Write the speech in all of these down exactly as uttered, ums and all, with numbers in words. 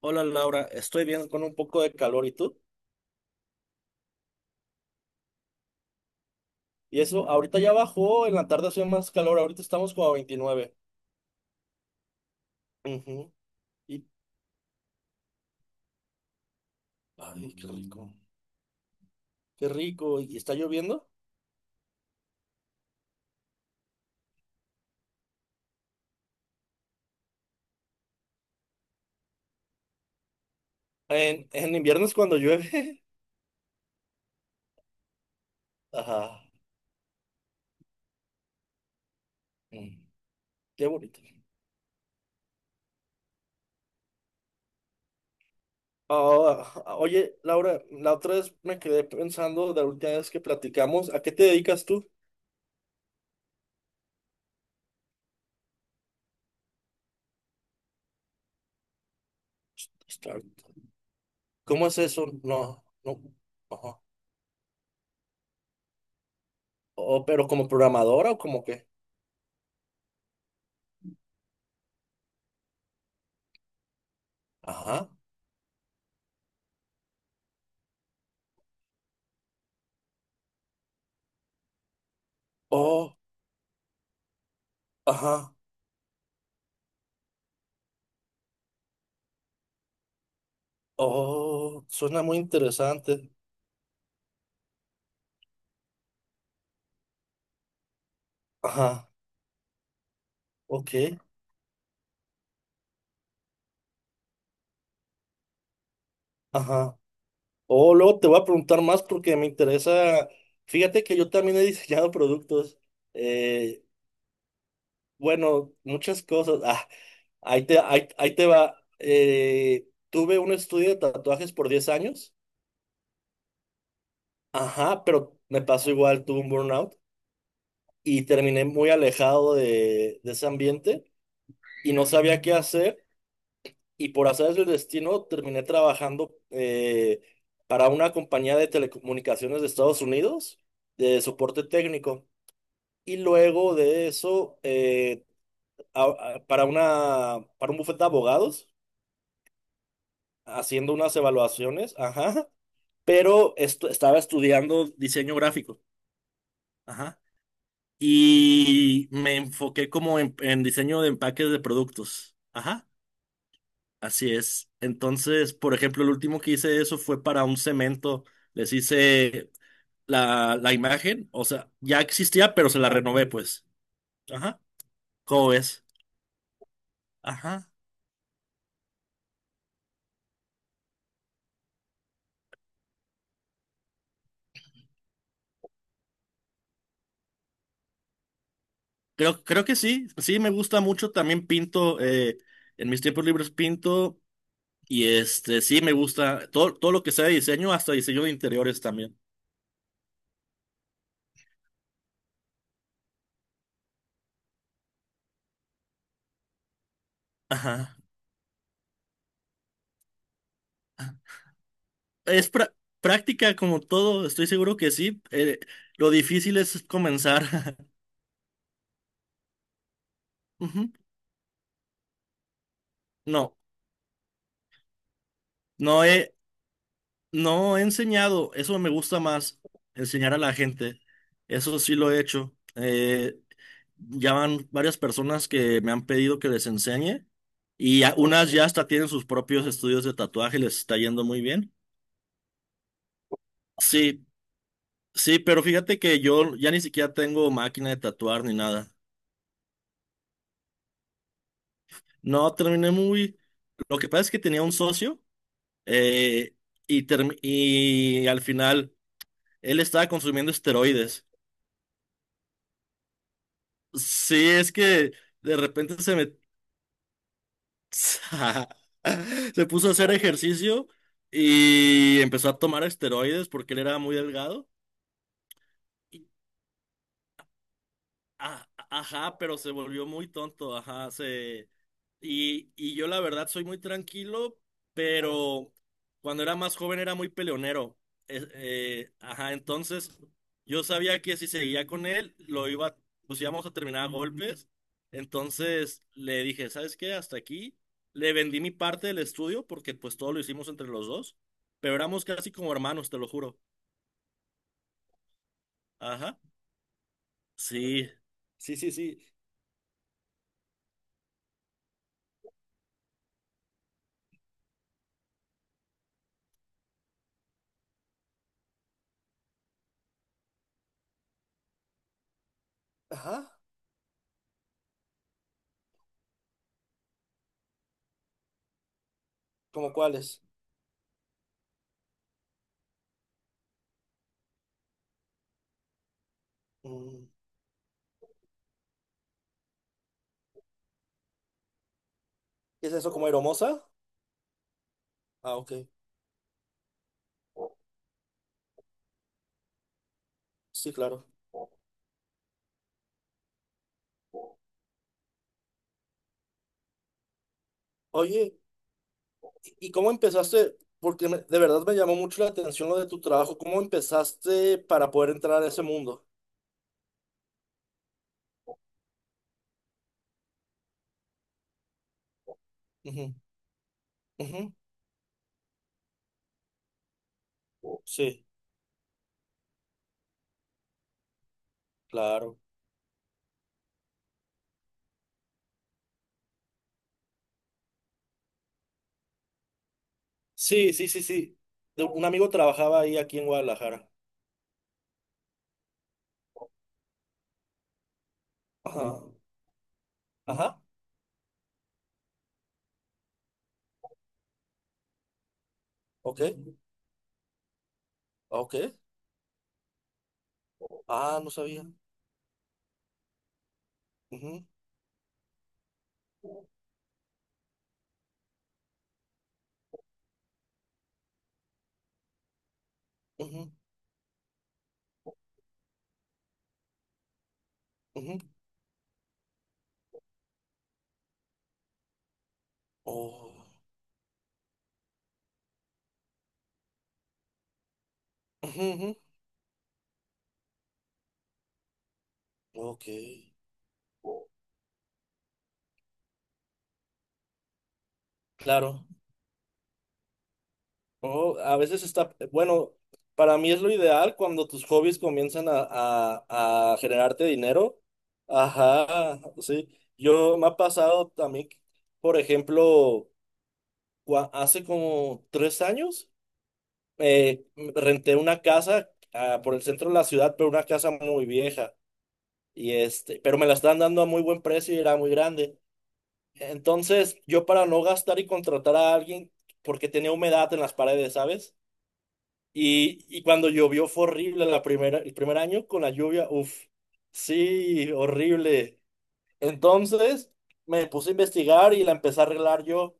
Hola Laura, estoy bien con un poco de calor. ¿Y tú? Y eso, ahorita ya bajó, en la tarde hacía más calor, ahorita estamos como a veintinueve. Ujú. Y, Ay, qué rico. Qué rico, ¿y está lloviendo? En, en invierno es cuando llueve. Ajá, Mm, qué bonito. Ah, ah, oye Laura, la otra vez me quedé pensando de la última vez que platicamos, ¿a qué te dedicas tú? Start. ¿Cómo es eso? No, no. Ajá. Oh, ¿pero como programadora o como qué? Ajá. Oh, ajá. Oh, suena muy interesante. Ajá, ok, ajá. Oh, luego te voy a preguntar más porque me interesa. Fíjate que yo también he diseñado productos. eh, bueno, muchas cosas. Ah, ahí te, ahí, ahí te va. Eh, tuve un estudio de tatuajes por diez años. Ajá, pero me pasó igual, tuve un burnout y terminé muy alejado de, de ese ambiente y no sabía qué hacer. Y por azares del destino terminé trabajando eh, para una compañía de telecomunicaciones de Estados Unidos de soporte técnico. Y luego de eso, eh, a- a- para una, para un bufete de abogados, haciendo unas evaluaciones, ajá, pero esto, estaba estudiando diseño gráfico, ajá, y me enfoqué como en, en diseño de empaques de productos, ajá. Así es. Entonces, por ejemplo, el último que hice eso fue para un cemento. Les hice la, la imagen, o sea, ya existía, pero se la renové, pues. Ajá. ¿Cómo ves? Ajá. Creo, creo que sí. Sí, me gusta mucho. También pinto. Eh, en mis tiempos libres pinto. Y este, sí, me gusta todo, todo lo que sea de diseño, hasta diseño de interiores también. Ajá. Es prá práctica como todo, estoy seguro que sí. Eh, lo difícil es comenzar. Ujú. No, no he. No he enseñado, eso me gusta más, enseñar a la gente. Eso sí lo he hecho. Eh, ya van varias personas que me han pedido que les enseñe y a- unas ya hasta tienen sus propios estudios de tatuaje, les está yendo muy bien. Sí, sí, pero fíjate que yo ya ni siquiera tengo máquina de tatuar ni nada. No, terminé muy... Lo que pasa es que tenía un socio eh, y, term- y al final él estaba consumiendo esteroides. Sí, es que... De repente se me, Se puso a hacer ejercicio y empezó a tomar esteroides porque él era muy delgado. Ah, ajá, pero se volvió muy tonto, ajá, se... Y, y yo la verdad soy muy tranquilo, pero cuando era más joven era muy peleonero. Es- eh, ajá, entonces yo sabía que si seguía con él, lo iba, pues íbamos a terminar a golpes. Entonces le dije, ¿sabes qué? Hasta aquí. Le vendí mi parte del estudio porque pues todo lo hicimos entre los dos, pero éramos casi como hermanos, te lo juro. Ajá. Sí. Sí, sí, sí. Ajá. ¿Cómo cuáles? Mm. ¿Es eso como aeromoza? Ah, ok. Sí, claro. Oye, ¿y y cómo empezaste? Porque me- de verdad me llamó mucho la atención lo de tu trabajo. ¿Cómo empezaste para poder entrar a ese mundo? Ujú, ujú. Oh, sí, claro. Sí, sí, sí, sí. De- Un amigo trabajaba ahí aquí en Guadalajara. Ajá. Ajá. Ok. Ok. Ah, no sabía. Ujú, ujú, ujú. Oh. Ujú, ujú. Ok. Claro. Oh, a veces está, bueno, para mí es lo ideal cuando tus hobbies comienzan a, a, a generarte dinero. Ajá, sí. Yo me ha pasado también, por ejemplo, cua- hace como tres años, eh, renté una casa ah, por el centro de la ciudad, pero una casa muy vieja. Y este, pero me la estaban dando a muy buen precio y era muy grande. Entonces, yo para no gastar y contratar a alguien, porque tenía humedad en las paredes, ¿sabes? Y, y cuando llovió fue horrible la primera, el primer año con la lluvia, uff, sí, horrible. Entonces me puse a investigar y la empecé a arreglar yo.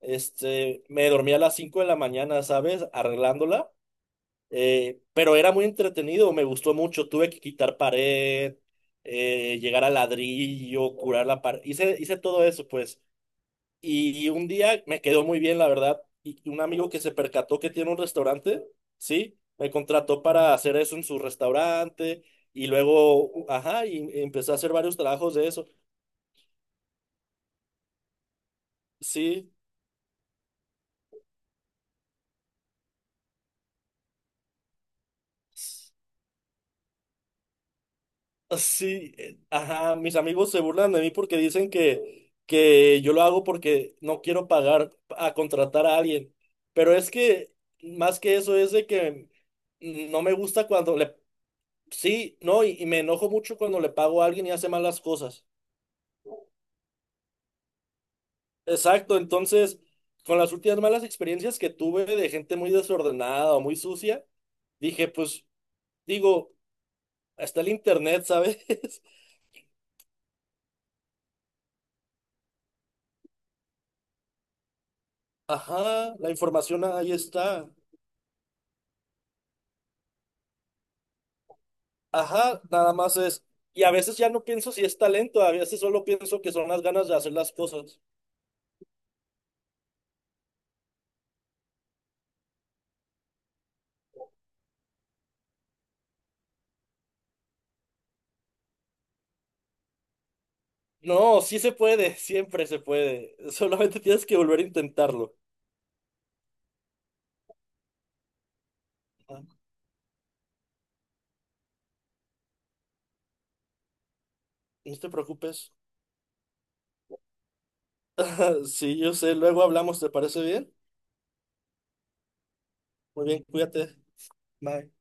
Este, me dormía a las cinco de la mañana, ¿sabes? Arreglándola. Eh, pero era muy entretenido, me gustó mucho. Tuve que quitar pared, eh, llegar al ladrillo, curar la pared. Hice, hice todo eso, pues. Y un día me quedó muy bien, la verdad. Y un amigo que se percató que tiene un restaurante, ¿sí? Me contrató para hacer eso en su restaurante. Y luego, ajá, y empecé a hacer varios trabajos de eso. Sí, sí, eh, ajá. Mis amigos se burlan de mí porque dicen que, que yo lo hago porque no quiero pagar a contratar a alguien. Pero es que, más que eso, es de que mm, no me gusta cuando le. Sí, no, y, y me enojo mucho cuando le pago a alguien y hace malas cosas. Exacto, entonces, con las últimas malas experiencias que tuve de gente muy desordenada o muy sucia, dije, pues, digo, está el internet, ¿sabes? Ajá, la información ahí está. Ajá, nada más es. Y a veces ya no pienso si es talento, a veces solo pienso que son las ganas de hacer las cosas. No, sí se puede, siempre se puede. Solamente tienes que volver a intentarlo. Ajá, no te preocupes. Sí, yo sé. Luego hablamos, ¿te parece bien? Muy bien, cuídate. Bye.